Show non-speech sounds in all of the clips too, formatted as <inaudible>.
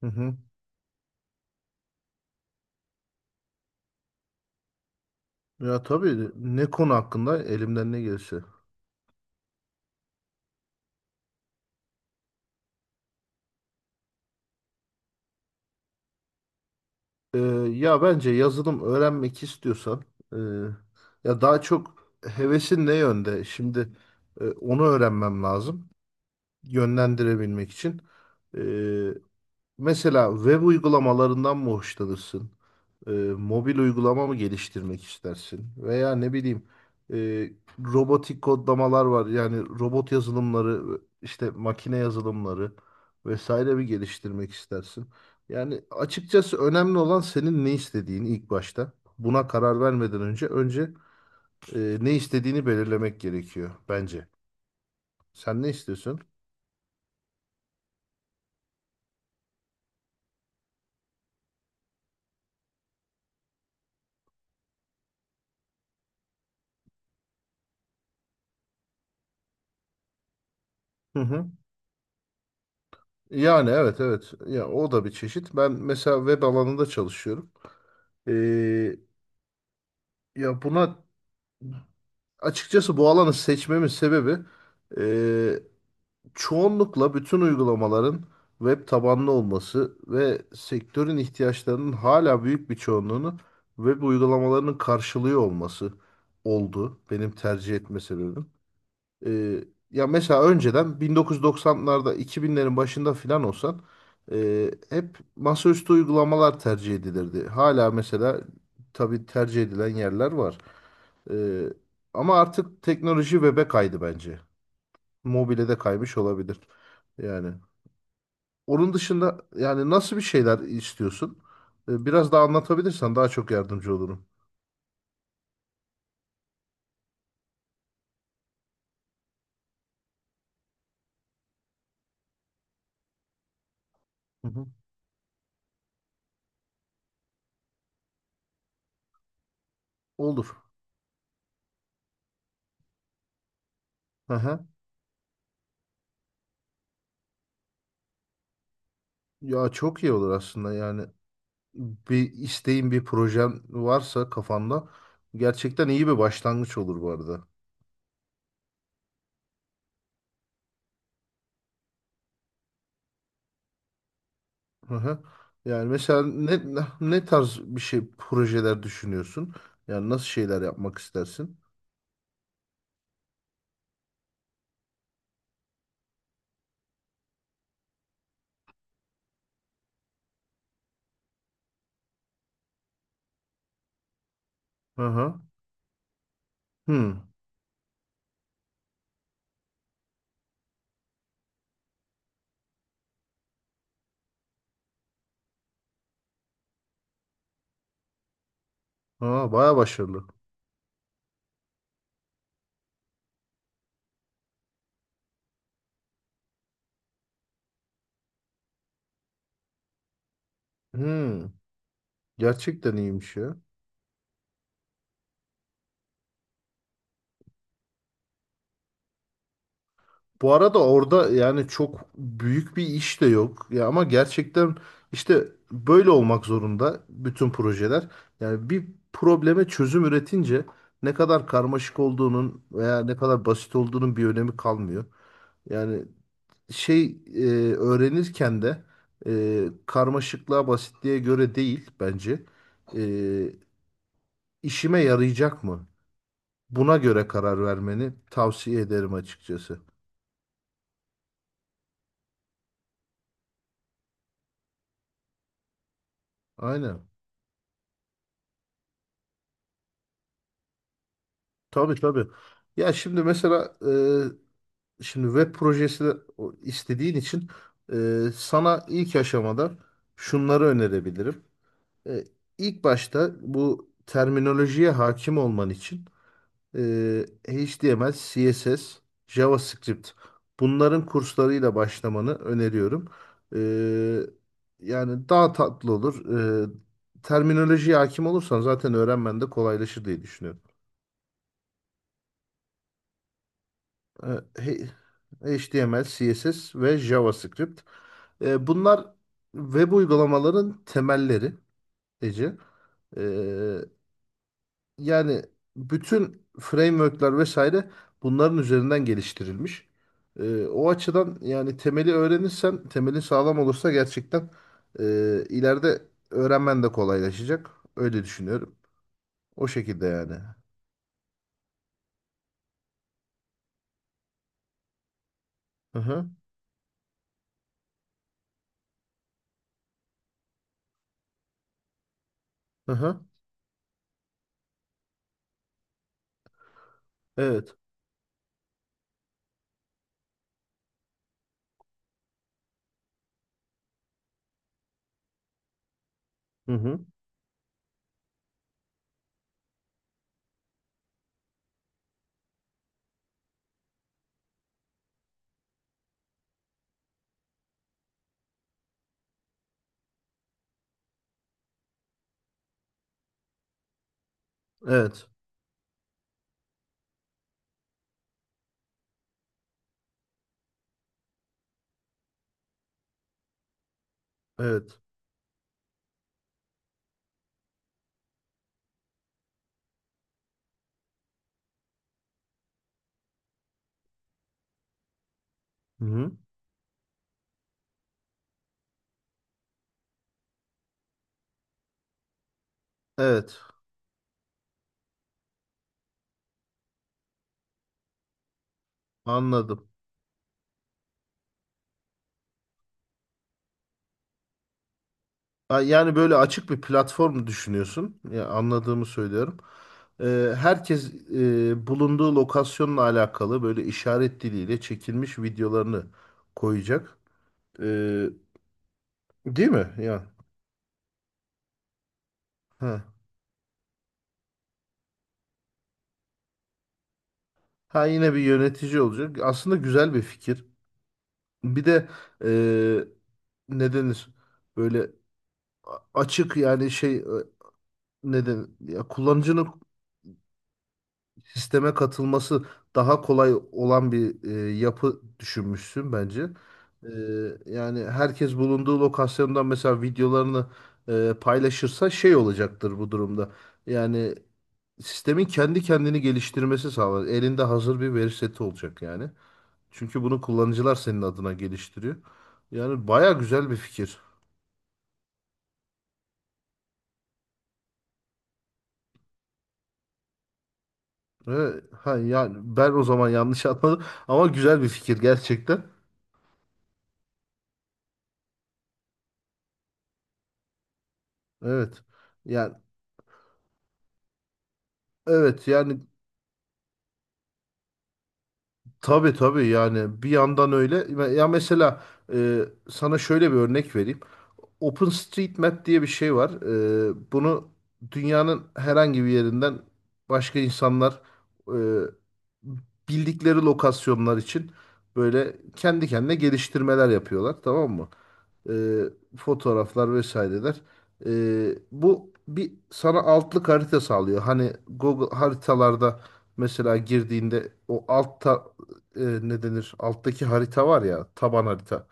Hı hı. Ya tabii ne konu hakkında elimden ne gelirse. Ee, ya bence yazılım öğrenmek istiyorsan e, ya daha çok hevesin ne yönde? Şimdi onu öğrenmem lazım yönlendirebilmek için. Ee, Mesela web uygulamalarından mı hoşlanırsın? Ee, mobil uygulama mı geliştirmek istersin? Veya ne bileyim e, robotik kodlamalar var. Yani robot yazılımları, işte makine yazılımları vesaire mi geliştirmek istersin? Yani açıkçası önemli olan senin ne istediğin ilk başta. Buna karar vermeden önce ne istediğini belirlemek gerekiyor bence. Sen ne istiyorsun? Hı hı. Yani evet evet. Ya o da bir çeşit. Ben mesela web alanında çalışıyorum. Ee, ya buna açıkçası bu alanı seçmemin sebebi ee, çoğunlukla bütün uygulamaların web tabanlı olması ve sektörün ihtiyaçlarının hala büyük bir çoğunluğunu web uygulamalarının karşılıyor olması oldu benim tercih etme sebebim. Ee, ya mesela önceden 1990'larda 2000'lerin başında filan olsan hep masaüstü uygulamalar tercih edilirdi. Hala mesela tabii tercih edilen yerler var. Ee, ama artık teknoloji web'e kaydı bence. Mobile de kaymış olabilir. Yani onun dışında yani nasıl bir şeyler istiyorsun? Biraz daha anlatabilirsen daha çok yardımcı olurum. Hı hı. Olur. Aha. Ya çok iyi olur aslında yani. Bir isteğin, bir projen varsa kafanda gerçekten iyi bir başlangıç olur bu arada. Hı hı. Yani mesela ne tarz bir şey projeler düşünüyorsun? Yani nasıl şeyler yapmak istersin? Hı hı. Hmm. Aa, bayağı başarılı. Hı. Gerçekten iyiymiş ya. Bu arada orada yani çok büyük bir iş de yok. Ya ama gerçekten işte böyle olmak zorunda bütün projeler. Yani bir probleme çözüm üretince ne kadar karmaşık olduğunun veya ne kadar basit olduğunun bir önemi kalmıyor. Yani şey öğrenirken de karmaşıklığa basitliğe göre değil bence. E, işime yarayacak mı? Buna göre karar vermeni tavsiye ederim açıkçası. Aynen. Tabii tabii. Ya şimdi mesela şimdi web projesi istediğin için sana ilk aşamada şunları önerebilirim. E, ilk başta bu terminolojiye hakim olman için HTML, CSS, JavaScript bunların kurslarıyla başlamanı öneriyorum. E, yani daha tatlı olur. E, terminolojiye hakim olursan zaten öğrenmen de kolaylaşır diye düşünüyorum. E, he- HTML, CSS ve JavaScript. Bunlar web uygulamaların temelleri Ece. E, yani bütün frameworkler vesaire bunların üzerinden geliştirilmiş. O açıdan yani temeli öğrenirsen, temeli sağlam olursa gerçekten e, ileride öğrenmen de kolaylaşacak. Öyle düşünüyorum. O şekilde yani. Hı hı. Hı hı. Evet. Hı hı. Evet. Evet. Hı hı. Evet. Anladım. Ha, yani böyle açık bir platform düşünüyorsun. Ya, anladığımı söylüyorum. Herkes bulunduğu lokasyonla alakalı böyle işaret diliyle çekilmiş videolarını koyacak. Ee, değil mi? Ya. Ha. Ha yine bir yönetici olacak. Aslında güzel bir fikir. Bir de e, ne denir? Böyle açık yani şey neden ya kullanıcının sisteme katılması daha kolay olan bir yapı düşünmüşsün bence. E, yani herkes bulunduğu lokasyondan mesela videolarını paylaşırsa şey olacaktır bu durumda. Yani sistemin kendi kendini geliştirmesi sağlar. Elinde hazır bir veri seti olacak yani. Çünkü bunu kullanıcılar senin adına geliştiriyor. Yani baya güzel bir fikir. Ve, ha, yani ben o zaman yanlış <laughs> anladım ama güzel bir fikir gerçekten. Evet. Yani evet yani tabii tabii yani bir yandan öyle. Ya mesela e, sana şöyle bir örnek vereyim. OpenStreetMap diye bir şey var. Bunu dünyanın herhangi bir yerinden başka insanlar e, bildikleri lokasyonlar için böyle kendi kendine geliştirmeler yapıyorlar, tamam mı? e, fotoğraflar vesaireler. E, bu bir sana altlık harita sağlıyor. Hani Google haritalarda mesela girdiğinde o altta ne denir? Alttaki harita var ya taban harita.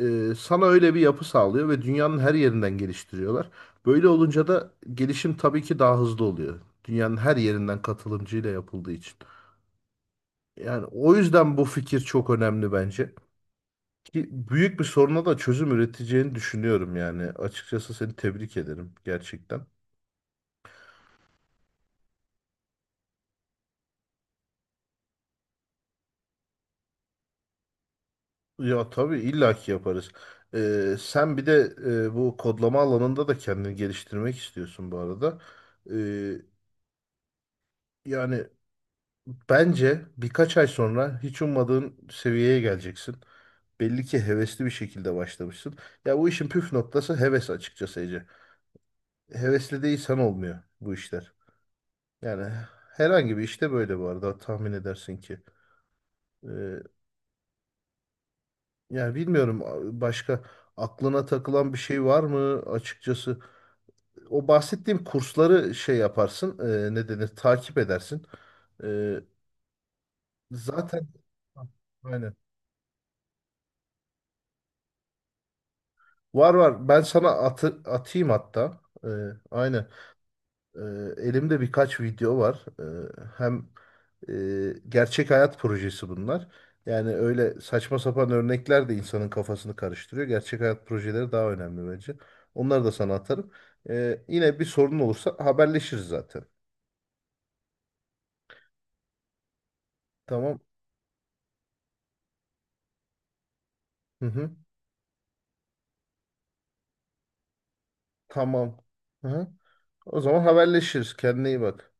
Sana öyle bir yapı sağlıyor ve dünyanın her yerinden geliştiriyorlar. Böyle olunca da gelişim tabii ki daha hızlı oluyor. Dünyanın her yerinden katılımcıyla yapıldığı için. Yani o yüzden bu fikir çok önemli bence. Ki büyük bir soruna da çözüm üreteceğini düşünüyorum yani. Açıkçası seni tebrik ederim gerçekten. Ya tabii illaki yaparız. Sen bir de bu kodlama alanında da kendini geliştirmek istiyorsun bu arada. Ee, yani bence birkaç ay sonra hiç ummadığın seviyeye geleceksin. Belli ki hevesli bir şekilde başlamışsın. Ya bu işin püf noktası heves açıkçası Ece. Hevesli değilsen olmuyor bu işler. Yani herhangi bir işte böyle bu arada tahmin edersin ki. Yani bilmiyorum başka aklına takılan bir şey var mı açıkçası? O bahsettiğim kursları şey yaparsın, ne denir, takip edersin. E, zaten aynen. Var var. Ben sana atayım hatta. Aynen. Ee, elimde birkaç video var. Hem gerçek hayat projesi bunlar. Yani öyle saçma sapan örnekler de insanın kafasını karıştırıyor. Gerçek hayat projeleri daha önemli bence. Onları da sana atarım. Yine bir sorun olursa haberleşiriz zaten. Tamam. Hı hı. Tamam. Hı hı. O zaman haberleşiriz. Kendine iyi bak.